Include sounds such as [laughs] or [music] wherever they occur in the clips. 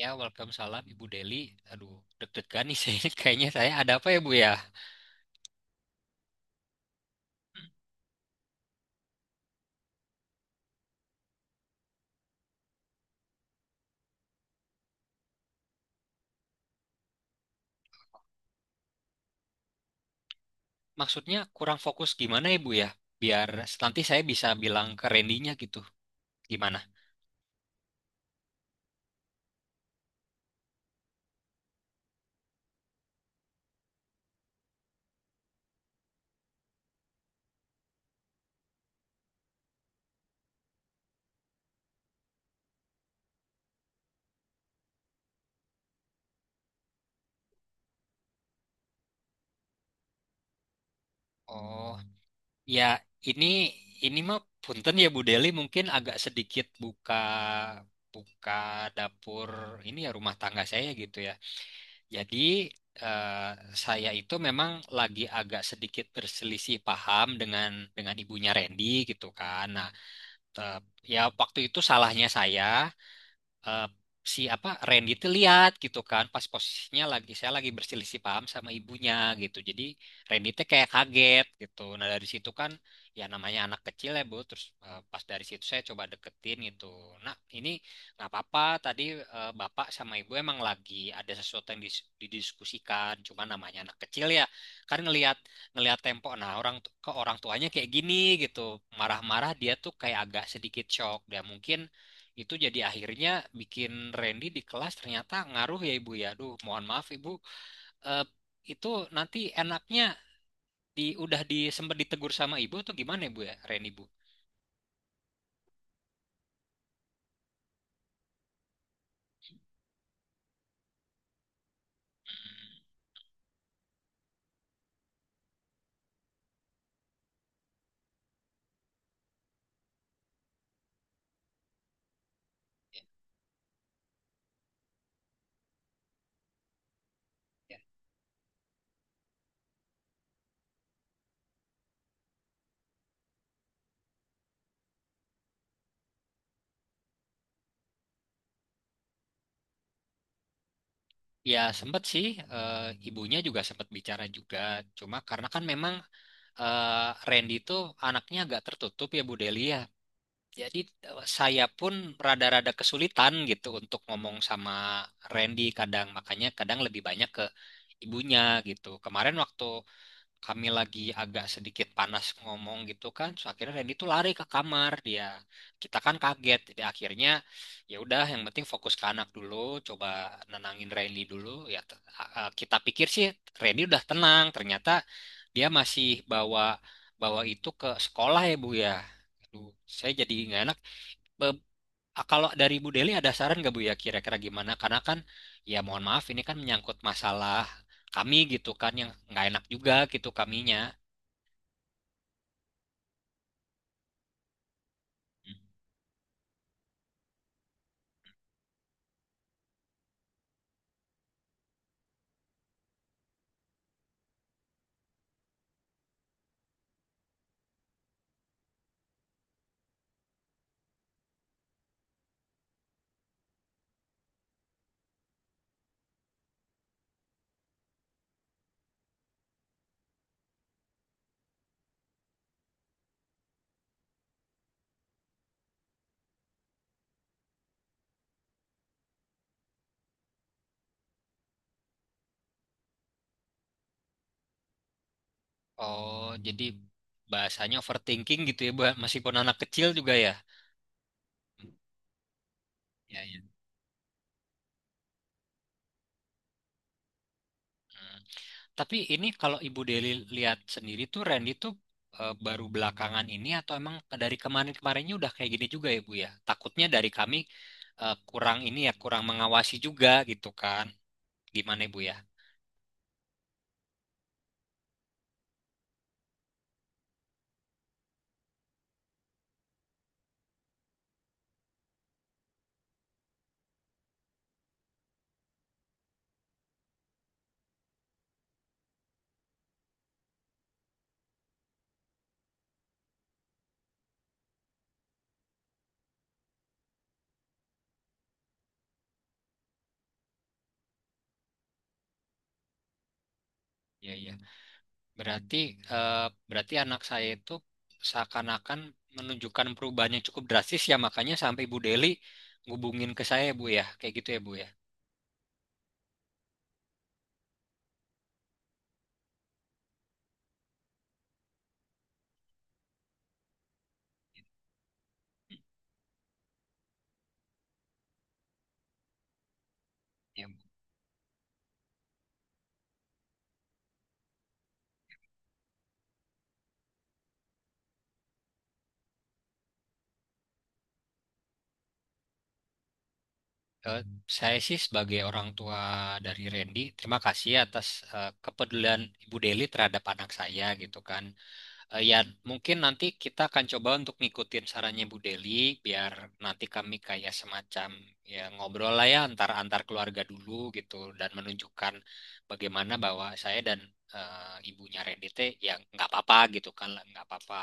Ya, welcome salam Ibu Deli. Aduh, deg-degan nih saya. [laughs] Kayaknya saya ada apa ya, Bu ya? Maksudnya kurang fokus gimana ya, Bu ya? Biar nanti saya bisa bilang ke Randy-nya gitu. Gimana? Oh, ya, ini ini mah punten ya Bu Deli, mungkin agak sedikit buka buka dapur ini ya, rumah tangga saya gitu ya. Jadi eh, saya itu memang lagi agak sedikit berselisih paham dengan ibunya Randy gitu kan. Nah, tetap. Ya waktu itu salahnya saya, eh, si apa Randy tuh lihat gitu kan, pas posisinya lagi saya lagi berselisih paham sama ibunya, gitu jadi Randy tuh kayak kaget gitu. Nah dari situ kan, ya namanya anak kecil ya Bu. Terus pas dari situ saya coba deketin gitu. Nah ini nggak apa-apa, tadi bapak sama ibu emang lagi ada sesuatu yang didiskusikan, cuma namanya anak kecil ya, kan ngelihat ngelihat tempo. Nah orang ke orang tuanya kayak gini gitu, marah-marah, dia tuh kayak agak sedikit shock dia mungkin itu, jadi akhirnya bikin Randy di kelas ternyata ngaruh ya Ibu ya. Aduh, mohon maaf Ibu. Eh, itu nanti enaknya di udah di sempet ditegur sama ibu atau gimana ibu ya, Randy Bu? Ya sempet sih, eh, ibunya juga sempet bicara juga. Cuma karena kan memang Randy itu anaknya agak tertutup ya Bu Delia. Jadi saya pun rada-rada kesulitan gitu untuk ngomong sama Randy kadang, makanya kadang lebih banyak ke ibunya gitu. Kemarin waktu kami lagi agak sedikit panas ngomong gitu kan, so akhirnya Randy tuh lari ke kamar dia. Kita kan kaget, jadi akhirnya ya udah, yang penting fokus ke anak dulu, coba nenangin Randy dulu. Ya kita pikir sih Randy udah tenang, ternyata dia masih bawa bawa itu ke sekolah ya Bu ya. Aduh, saya jadi nggak enak. Be- Ah, kalau dari Bu Deli ada saran nggak Bu ya, kira-kira gimana? Karena kan ya mohon maaf, ini kan menyangkut masalah kami gitu kan, yang nggak enak juga gitu kaminya. Oh, jadi bahasanya overthinking gitu ya Bu ya, meskipun anak kecil juga ya. Ya, ya. Hmm. Tapi ini kalau Ibu Deli lihat sendiri tuh Randy tuh baru belakangan ini atau emang dari kemarin-kemarinnya udah kayak gini juga ya Bu ya? Takutnya dari kami kurang ini ya, kurang mengawasi juga gitu kan? Gimana Ibu ya? Ya, ya. Berarti eh, berarti anak saya itu seakan-akan menunjukkan perubahannya cukup drastis, ya makanya sampai Bu Deli ngubungin ke saya Bu ya kayak gitu ya Bu ya. Ya, Bu. Eh, saya sih sebagai orang tua dari Randy terima kasih atas kepedulian Ibu Deli terhadap anak saya gitu kan. Ya, mungkin nanti kita akan coba untuk ngikutin sarannya Bu Deli, biar nanti kami kayak semacam ya ngobrol lah ya antar antar keluarga dulu gitu, dan menunjukkan bagaimana bahwa saya dan ibunya Randy teh ya nggak apa-apa gitu kan lah, nggak apa-apa.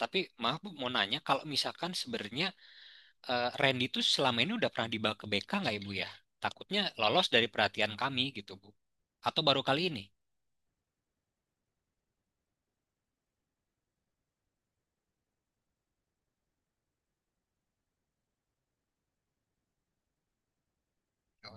Tapi maaf Bu, mau nanya, kalau misalkan sebenarnya Randy tuh selama ini udah pernah dibawa ke BK nggak Ibu ya? Takutnya lolos dari perhatian kami gitu Bu. Atau baru kali ini? Oh,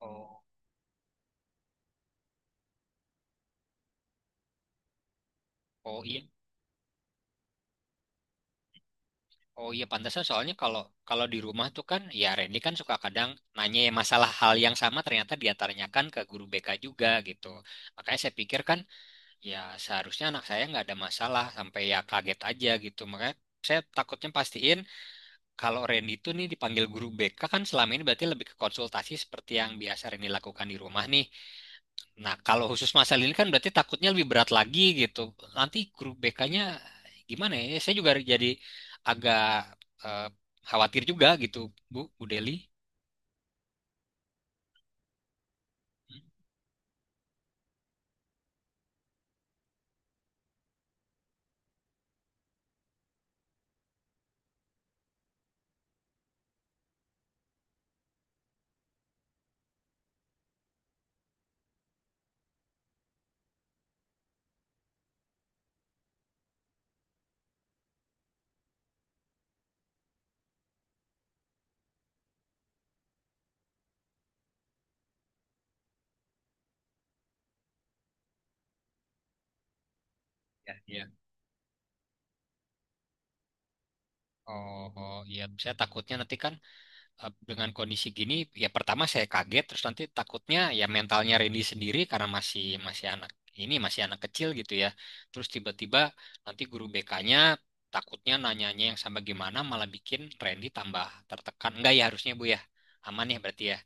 oh, oh, iya. Oh iya pantasnya, soalnya kalau kalau di rumah tuh kan ya Randy kan suka kadang nanya ya masalah hal yang sama ternyata dia tanyakan ke guru BK juga gitu. Makanya saya pikir kan ya seharusnya anak saya nggak ada masalah, sampai ya kaget aja gitu. Makanya saya takutnya pastiin kalau Randy itu nih dipanggil guru BK kan selama ini berarti lebih ke konsultasi seperti yang biasa Randy lakukan di rumah nih. Nah, kalau khusus masalah ini kan berarti takutnya lebih berat lagi gitu. Nanti grup BK-nya gimana ya? Saya juga jadi agak eh, khawatir juga gitu, Bu, Bu Deli. Hmm? Ya, ya. Oh, oh, iya, saya takutnya nanti kan dengan kondisi gini ya pertama saya kaget, terus nanti takutnya ya mentalnya Randy sendiri karena masih masih anak, ini masih anak kecil gitu ya, terus tiba-tiba nanti guru BK-nya takutnya nanyanya yang sama gimana, malah bikin Randy tambah tertekan enggak ya, harusnya Bu ya aman ya berarti ya.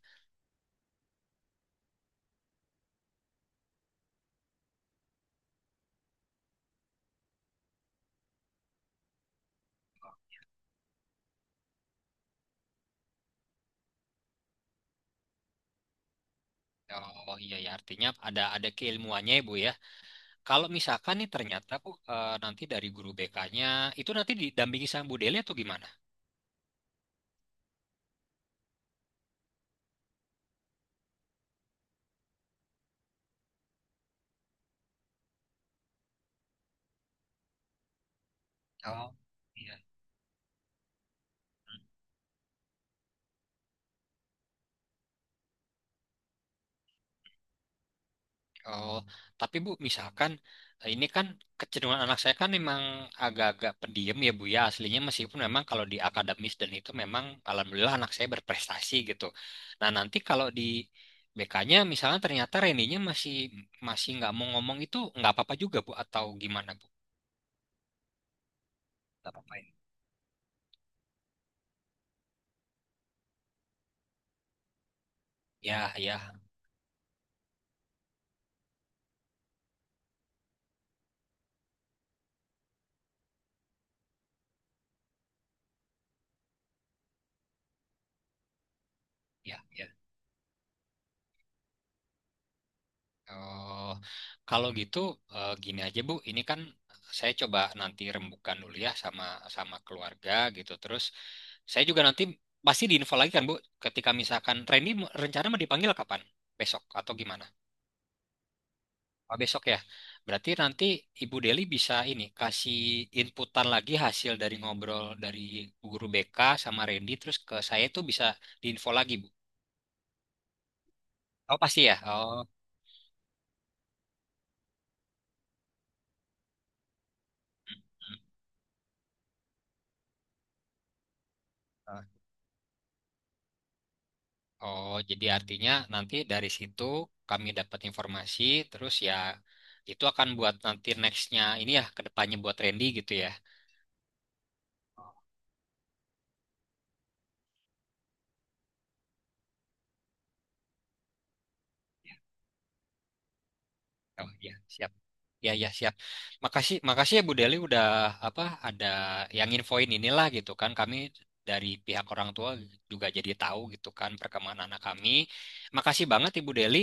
Oh iya ya, artinya ada keilmuannya ya Bu ya. Kalau misalkan nih ternyata Bu nanti dari guru BK-nya itu nanti didampingi sama Bu Deli atau gimana? Oh. Iya. Oh, tapi Bu, misalkan ini kan kecenderungan anak saya kan memang agak-agak pendiam ya Bu ya aslinya, meskipun memang kalau di akademis dan itu memang alhamdulillah anak saya berprestasi gitu. Nah nanti kalau di BK-nya misalnya ternyata Reninya masih masih nggak mau ngomong, itu nggak apa-apa juga Bu atau gimana Bu? Nggak apa-apa ya. Ya, ya, ya, ya. Oh, kalau gitu gini aja Bu, ini kan saya coba nanti rembukan dulu ya sama sama keluarga gitu. Terus saya juga nanti pasti diinfo lagi kan Bu, ketika misalkan Randy rencana mau dipanggil kapan? Besok atau gimana? Oh, besok ya. Berarti nanti Ibu Deli bisa ini kasih inputan lagi hasil dari ngobrol dari Bu Guru BK sama Randy terus ke saya, itu bisa diinfo lagi Bu. Oh pasti ya. Oh. Oh, jadi artinya nanti dari situ kami dapat informasi, terus ya itu akan buat nanti nextnya ini ya kedepannya buat Randy gitu ya. Oh iya, siap. Ya ya siap. Makasih makasih ya Bu Deli udah apa ada yang infoin inilah gitu kan. Kami dari pihak orang tua juga jadi tahu gitu kan perkembangan anak kami. Makasih banget Ibu Deli.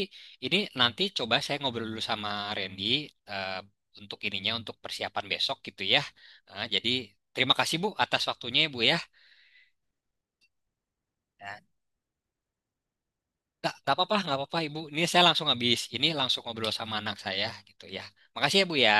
Ini nanti coba saya ngobrol dulu sama Randy eh, untuk ininya untuk persiapan besok gitu ya. Jadi terima kasih Bu atas waktunya ya Bu ya. Ya, nggak apa-apa, nggak apa-apa Ibu. Ini saya langsung habis ini langsung ngobrol sama anak saya gitu ya. Makasih ya Bu ya.